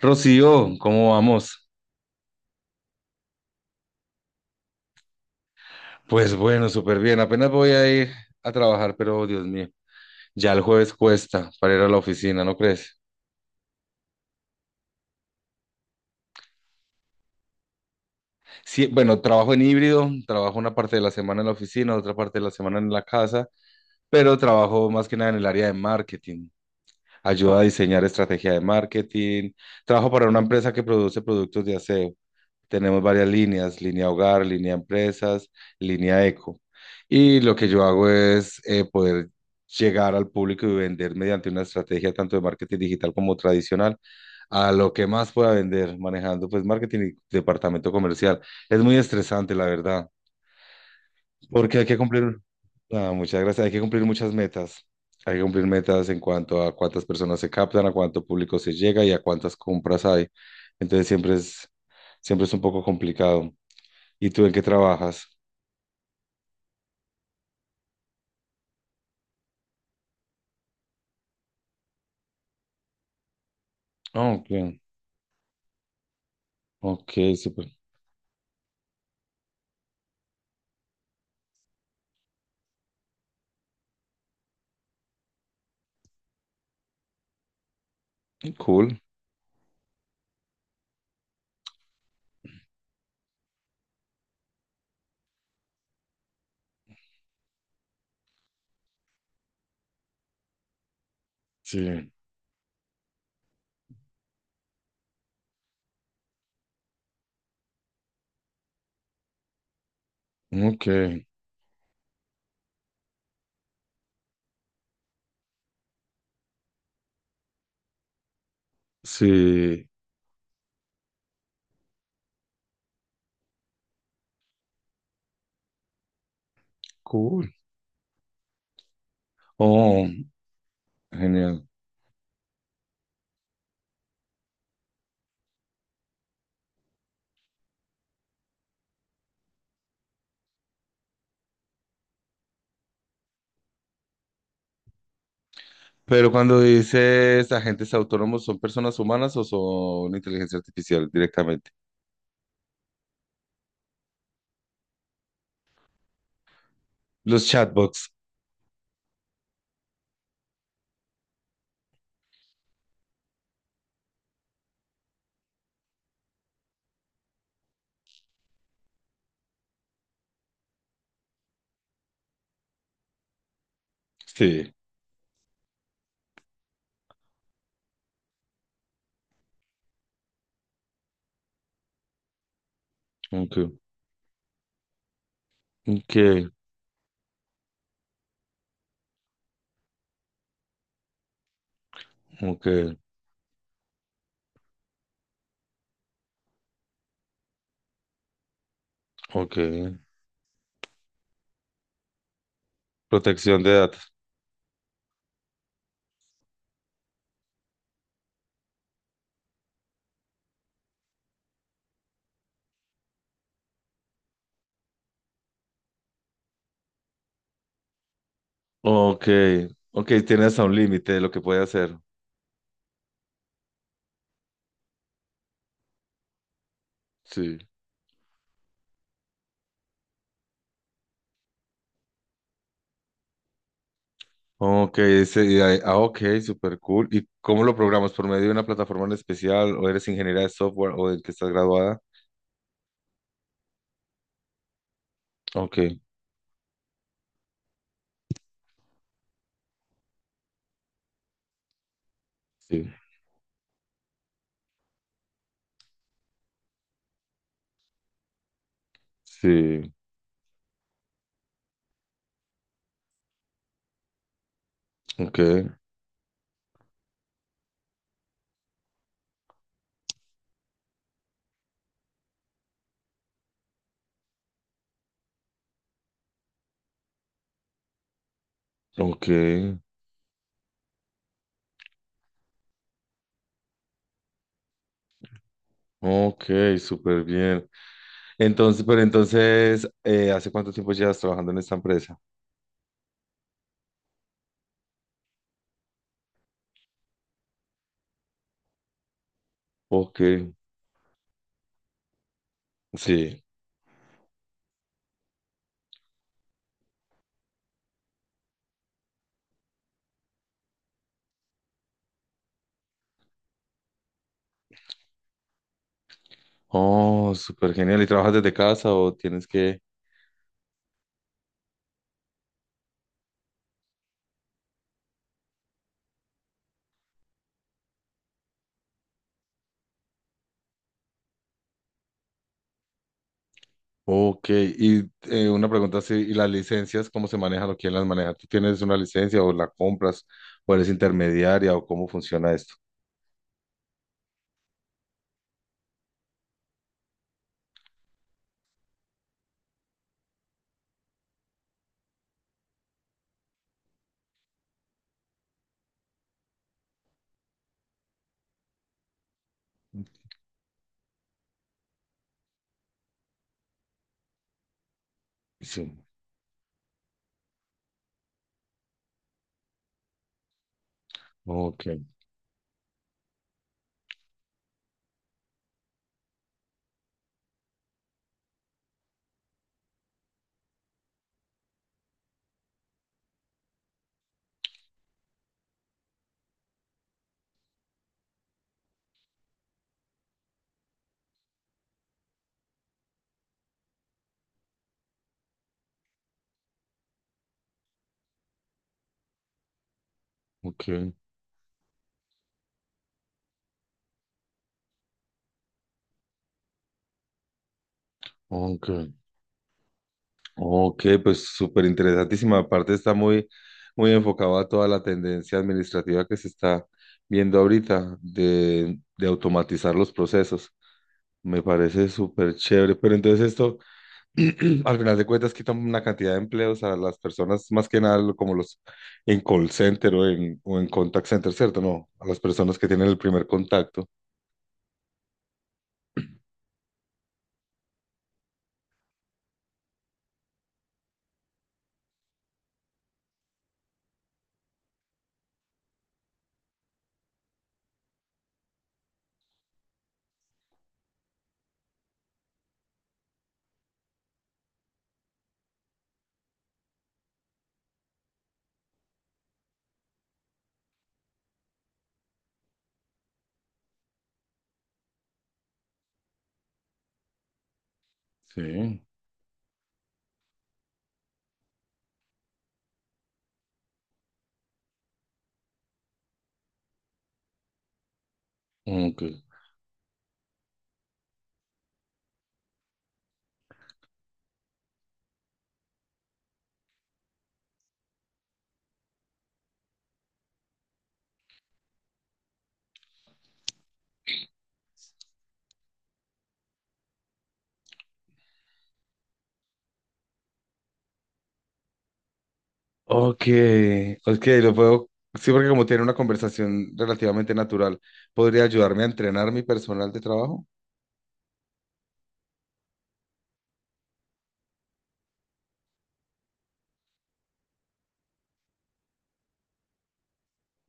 Rocío, ¿cómo vamos? Pues bueno, súper bien. Apenas voy a ir a trabajar, pero Dios mío, ya el jueves cuesta para ir a la oficina, ¿no crees? Sí, bueno, trabajo en híbrido, trabajo una parte de la semana en la oficina, otra parte de la semana en la casa, pero trabajo más que nada en el área de marketing. Ayuda a diseñar estrategia de marketing. Trabajo para una empresa que produce productos de aseo. Tenemos varias líneas, línea hogar, línea empresas, línea eco. Y lo que yo hago es poder llegar al público y vender mediante una estrategia tanto de marketing digital como tradicional a lo que más pueda vender manejando pues marketing y departamento comercial. Es muy estresante, la verdad, porque hay que cumplir, ah, muchas gracias, hay que cumplir muchas metas. Hay que cumplir metas en cuanto a cuántas personas se captan, a cuánto público se llega y a cuántas compras hay. Entonces siempre es un poco complicado. ¿Y tú en qué trabajas? Ah, ok, ok, súper. Cool. Sí, ok, sí, cool. Oh, genial. Pero cuando dices agentes autónomos, ¿son personas humanas o son inteligencia artificial directamente? Los chatbots. Sí, ok, ok, ok, ok. Protección de datos. Ok, ok, tienes a un límite de lo que puede hacer. Sí. Ok, super cool. ¿Y cómo lo programas? ¿Por medio de una plataforma en especial? ¿O eres ingeniera de software o del que estás graduada? Ok, sí, sí, ok, ok, ok, súper bien. Entonces, ¿hace cuánto tiempo llevas trabajando en esta empresa? Ok, sí. Oh, súper genial. ¿Y trabajas desde casa o tienes que...? Ok, y una pregunta así, ¿y las licencias cómo se manejan o quién las maneja? ¿Tú tienes una licencia o la compras o eres intermediaria o cómo funciona esto? Sí, ok, ok, ok, ok, pues súper interesantísima. Aparte está muy enfocado a toda la tendencia administrativa que se está viendo ahorita de automatizar los procesos. Me parece súper chévere, pero entonces esto... Al final de cuentas quitan una cantidad de empleos a las personas, más que nada como los en call center o en contact center, ¿cierto? No, a las personas que tienen el primer contacto. Sí, ok. Ok, ok, lo puedo. Sí, porque como tiene una conversación relativamente natural, ¿podría ayudarme a entrenar mi personal de trabajo?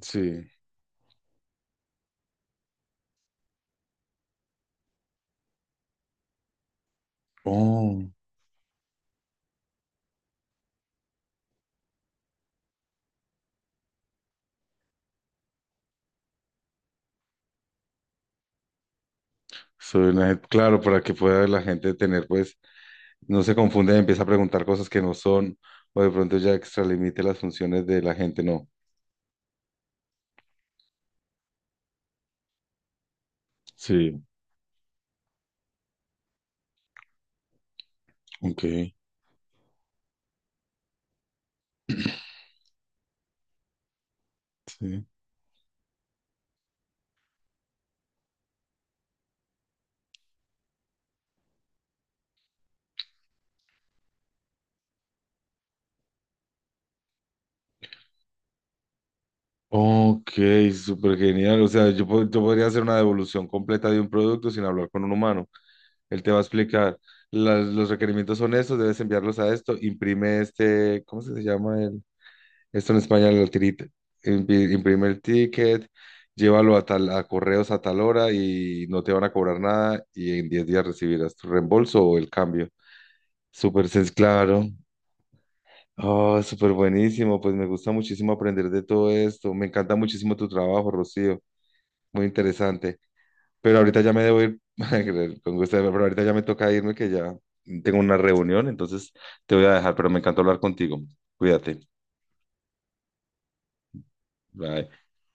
Sí, Oh, claro, para que pueda la gente tener, pues, no se confunda y empieza a preguntar cosas que no son, o de pronto ya extralimite las funciones de la gente, no. Sí, ok, sí. Ok, súper genial. O sea, yo podría hacer una devolución completa de un producto sin hablar con un humano. Él te va a explicar, los requerimientos son estos, debes enviarlos a esto, imprime este, ¿cómo se llama el? Esto en España, el tirita. Imprime el ticket, llévalo a tal, a correos a tal hora y no te van a cobrar nada y en 10 días recibirás tu reembolso o el cambio. Súper sencillo, claro. Oh, súper buenísimo, pues me gusta muchísimo aprender de todo esto. Me encanta muchísimo tu trabajo, Rocío. Muy interesante. Pero ahorita ya me debo ir, con gusto, pero ahorita ya me toca irme que ya tengo una reunión, entonces te voy a dejar, pero me encantó hablar contigo. Cuídate. Bye.